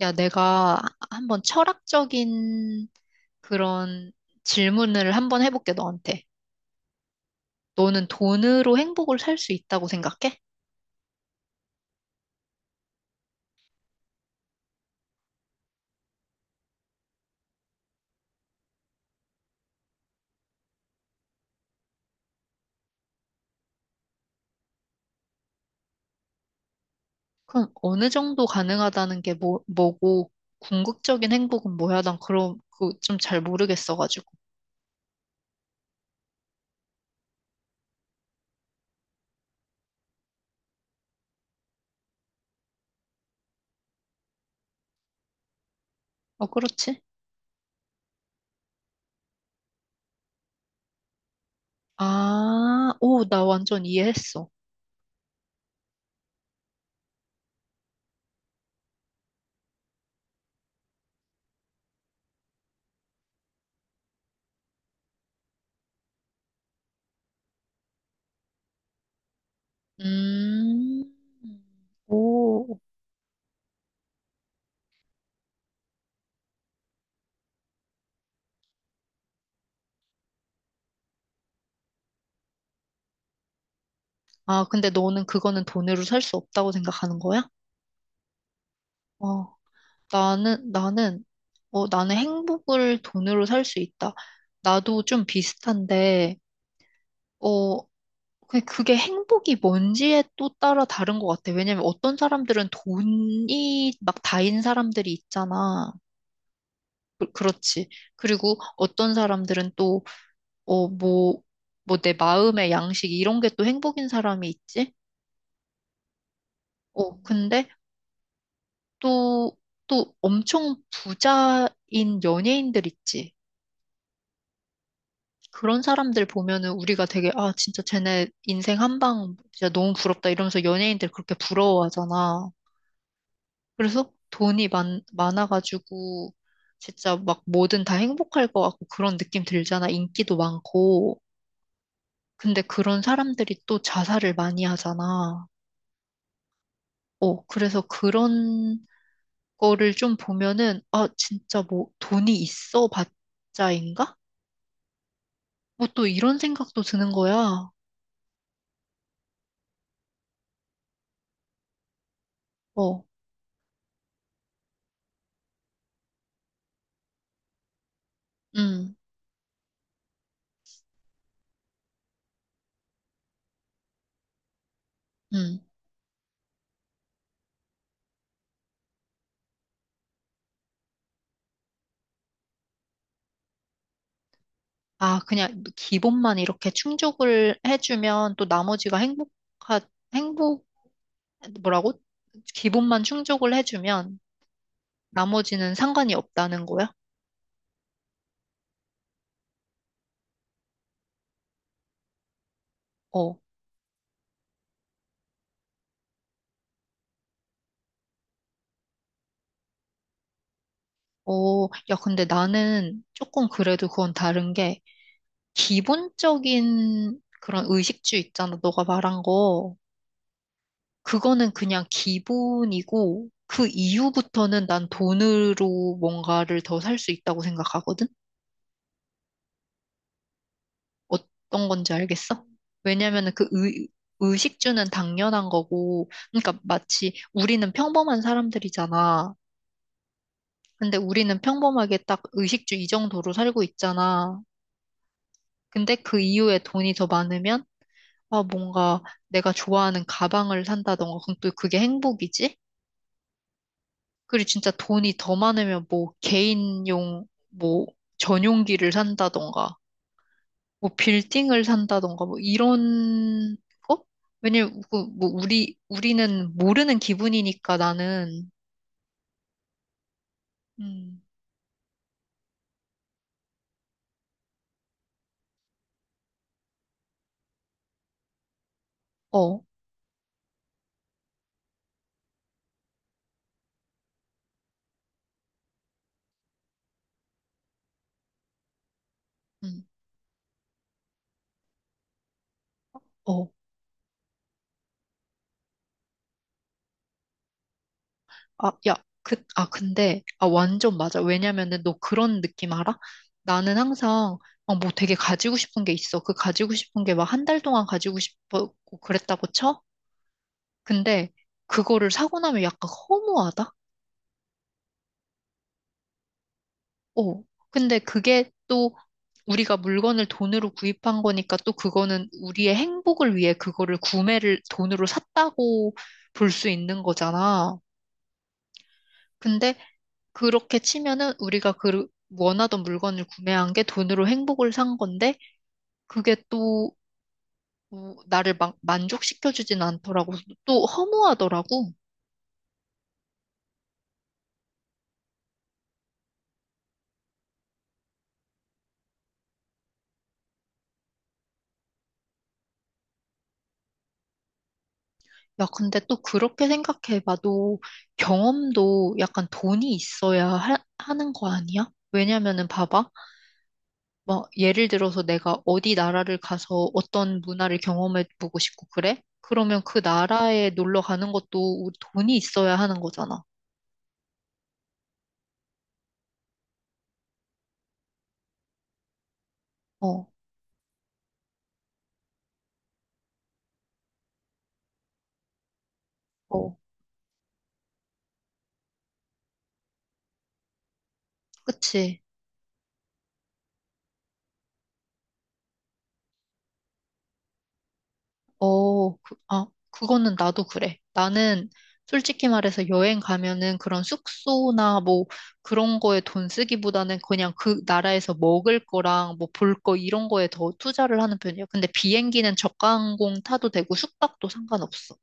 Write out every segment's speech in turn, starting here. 야, 내가 한번 철학적인 그런 질문을 한번 해볼게, 너한테. 너는 돈으로 행복을 살 수 있다고 생각해? 그럼 어느 정도 가능하다는 게 뭐고, 궁극적인 행복은 뭐야? 난 그런, 그좀 잘 모르겠어가지고. 어, 그렇지? 아, 오, 나 완전 이해했어. 음, 오. 아, 근데 너는 그거는 돈으로 살 수 없다고 생각하는 거야? 어. 나는, 어, 나는 행복을 돈으로 살 수 있다. 나도 좀 비슷한데, 어, 그게 행복이 뭔지에 또 따라 다른 것 같아. 왜냐면 어떤 사람들은 돈이 막 다인 사람들이 있잖아. 그렇지. 그리고 어떤 사람들은 또, 어, 뭐 내 마음의 양식 이런 게 또 행복인 사람이 있지? 어, 근데 또, 엄청 부자인 연예인들 있지. 그런 사람들 보면은 우리가 되게, 아, 진짜 쟤네 인생 한 방, 진짜 너무 부럽다 이러면서 연예인들 그렇게 부러워하잖아. 그래서 돈이 많아가지고, 진짜 막 뭐든 다 행복할 것 같고 그런 느낌 들잖아. 인기도 많고. 근데 그런 사람들이 또 자살을 많이 하잖아. 어, 그래서 그런 거를 좀 보면은, 아, 진짜 뭐 돈이 있어 봤자인가? 뭐 또 이런 생각도 드는 거야. 어, 음, 음. 아, 그냥 기본만 이렇게 충족을 해주면 또 나머지가 행복, 뭐라고? 기본만 충족을 해주면 나머지는 상관이 없다는 거야? 어, 어, 야, 근데 나는 조금 그래도 그건 다른 게 기본적인 그런 의식주 있잖아. 너가 말한 거. 그거는 그냥 기본이고 그 이후부터는 난 돈으로 뭔가를 더 살 수 있다고 생각하거든? 어떤 건지 알겠어? 왜냐면은 의식주는 당연한 거고, 그러니까 마치 우리는 평범한 사람들이잖아. 근데 우리는 평범하게 딱 의식주 이 정도로 살고 있잖아. 근데 그 이후에 돈이 더 많으면, 아, 뭔가 내가 좋아하는 가방을 산다던가, 그럼 또 그게 행복이지? 그리고 진짜 돈이 더 많으면 뭐 개인용, 뭐 전용기를 산다던가. 뭐 빌딩을 산다던가 뭐 이런 거? 왜냐면 그 뭐 우리는 모르는 기분이니까 나는 음, 어, 음, 어, 아, 야, 그, 아, 근데 아 완전 맞아. 왜냐면은 너 그런 느낌 알아? 나는 항상 뭐 되게 가지고 싶은 게 있어. 그 가지고 싶은 게 막 한 달 동안 가지고 싶었고 그랬다고 쳐? 근데 그거를 사고 나면 약간 허무하다? 어, 근데 그게 또 우리가 물건을 돈으로 구입한 거니까 또 그거는 우리의 행복을 위해 그거를 구매를 돈으로 샀다고 볼 수 있는 거잖아. 근데 그렇게 치면은 우리가 그 원하던 물건을 구매한 게 돈으로 행복을 산 건데 그게 또 어, 나를 막 만족시켜주진 않더라고. 또 허무하더라고. 야, 근데 또 그렇게 생각해봐도 경험도 약간 돈이 있어야 하는 거 아니야? 왜냐면은 봐봐. 뭐, 예를 들어서 내가 어디 나라를 가서 어떤 문화를 경험해 보고 싶고 그래? 그러면 그 나라에 놀러 가는 것도 돈이 있어야 하는 거잖아. 어, 어, 그치. 어, 그, 아, 그거는 나도 그래. 나는 솔직히 말해서 여행 가면은 그런 숙소나 뭐 그런 거에 돈 쓰기보다는 그냥 그 나라에서 먹을 거랑 뭐 볼 거 이런 거에 더 투자를 하는 편이야. 근데 비행기는 저가 항공 타도 되고 숙박도 상관없어.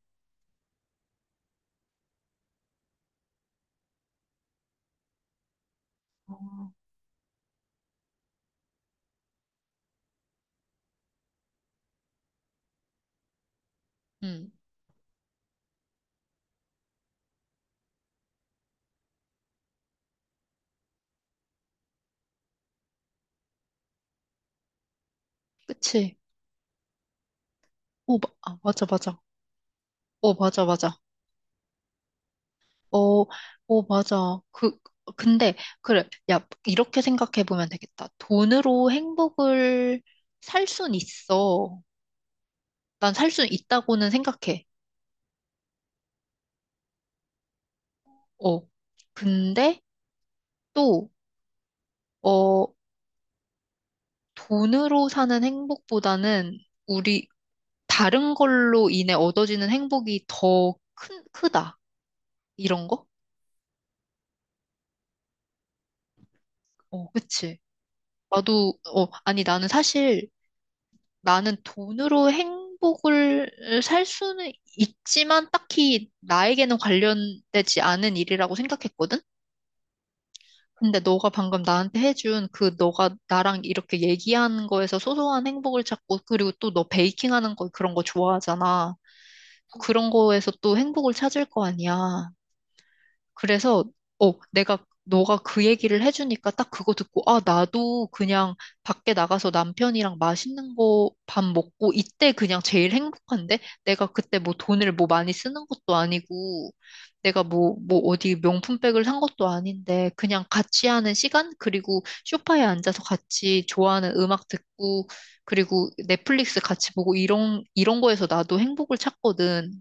어. 음, 그치. 어, 아, 맞아, 맞아. 오 맞아, 맞아. 어, 오 맞아. 그, 근데, 그래. 야, 이렇게 생각해 보면 되겠다. 돈으로 행복을 살 순 있어. 난 살 순 있다고는 생각해. 어. 근데 또, 어, 돈으로 사는 행복보다는 우리 다른 걸로 인해 얻어지는 행복이 더 크다. 이런 거? 어, 그치. 나도, 아니, 나는 사실 나는 돈으로 행복을 살 수는 있지만 딱히 나에게는 관련되지 않은 일이라고 생각했거든? 근데 너가 방금 나한테 해준 그 너가 나랑 이렇게 얘기한 거에서 소소한 행복을 찾고 그리고 또 너 베이킹 하는 거 그런 거 좋아하잖아. 그런 거에서 또 행복을 찾을 거 아니야. 그래서, 어, 내가, 너가 그 얘기를 해주니까 딱 그거 듣고, 아, 나도 그냥 밖에 나가서 남편이랑 맛있는 거 밥 먹고, 이때 그냥 제일 행복한데? 내가 그때 뭐 돈을 뭐 많이 쓰는 것도 아니고, 내가 뭐 어디 명품백을 산 것도 아닌데, 그냥 같이 하는 시간? 그리고 소파에 앉아서 같이 좋아하는 음악 듣고, 그리고 넷플릭스 같이 보고, 이런 거에서 나도 행복을 찾거든.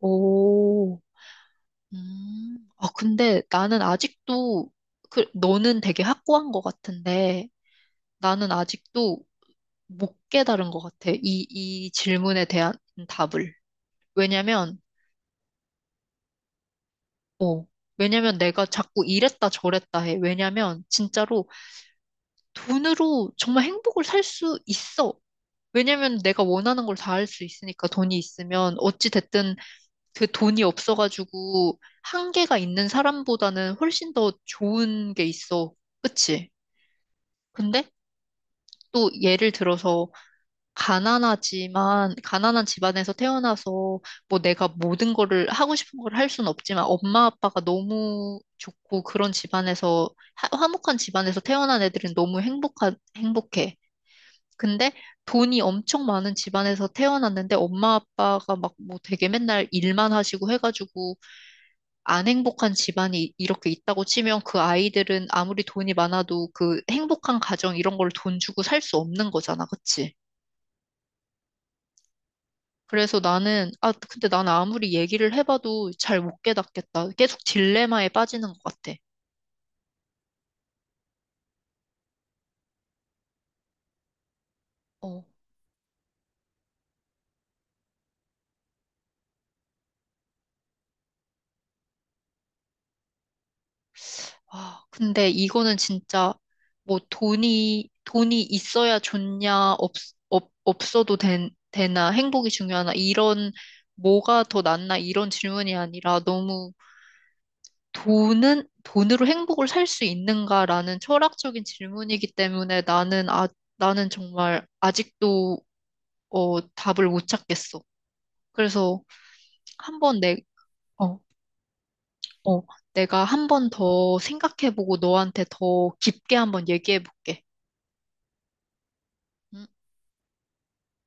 오. 음. 아, 근데 나는 아직도, 그, 너는 되게 확고한 것 같은데, 나는 아직도 못 깨달은 것 같아. 이 질문에 대한 답을. 왜냐면, 어, 왜냐면 내가 자꾸 이랬다 저랬다 해. 왜냐면, 진짜로 돈으로 정말 행복을 살 수 있어. 왜냐면 내가 원하는 걸 다 할 수 있으니까 돈이 있으면 어찌 됐든 그 돈이 없어가지고 한계가 있는 사람보다는 훨씬 더 좋은 게 있어. 그치? 근데 또 예를 들어서 가난하지만 가난한 집안에서 태어나서 뭐 내가 모든 거를 하고 싶은 걸 할 수는 없지만 엄마 아빠가 너무 좋고 그런 집안에서 화목한 집안에서 태어난 애들은 너무 행복한 행복해. 근데 돈이 엄청 많은 집안에서 태어났는데 엄마 아빠가 막 뭐 되게 맨날 일만 하시고 해가지고 안 행복한 집안이 이렇게 있다고 치면 그 아이들은 아무리 돈이 많아도 그 행복한 가정 이런 걸 돈 주고 살 수 없는 거잖아, 그치? 그래서 나는, 아, 근데 나는 아무리 얘기를 해봐도 잘 못 깨닫겠다. 계속 딜레마에 빠지는 것 같아. 어. 아, 근데 이거는 진짜 뭐 돈이 있어야 좋냐, 없어도 되나, 행복이 중요하나, 이런 뭐가 더 낫나, 이런 질문이 아니라 너무 돈은 돈으로 행복을 살 수 있는가라는 철학적인 질문이기 때문에 나는 정말 아직도 답을 못 찾겠어. 그래서 한번 어, 어, 내가 한 번 더 생각해보고 너한테 더 깊게 한번 얘기해볼게. 음.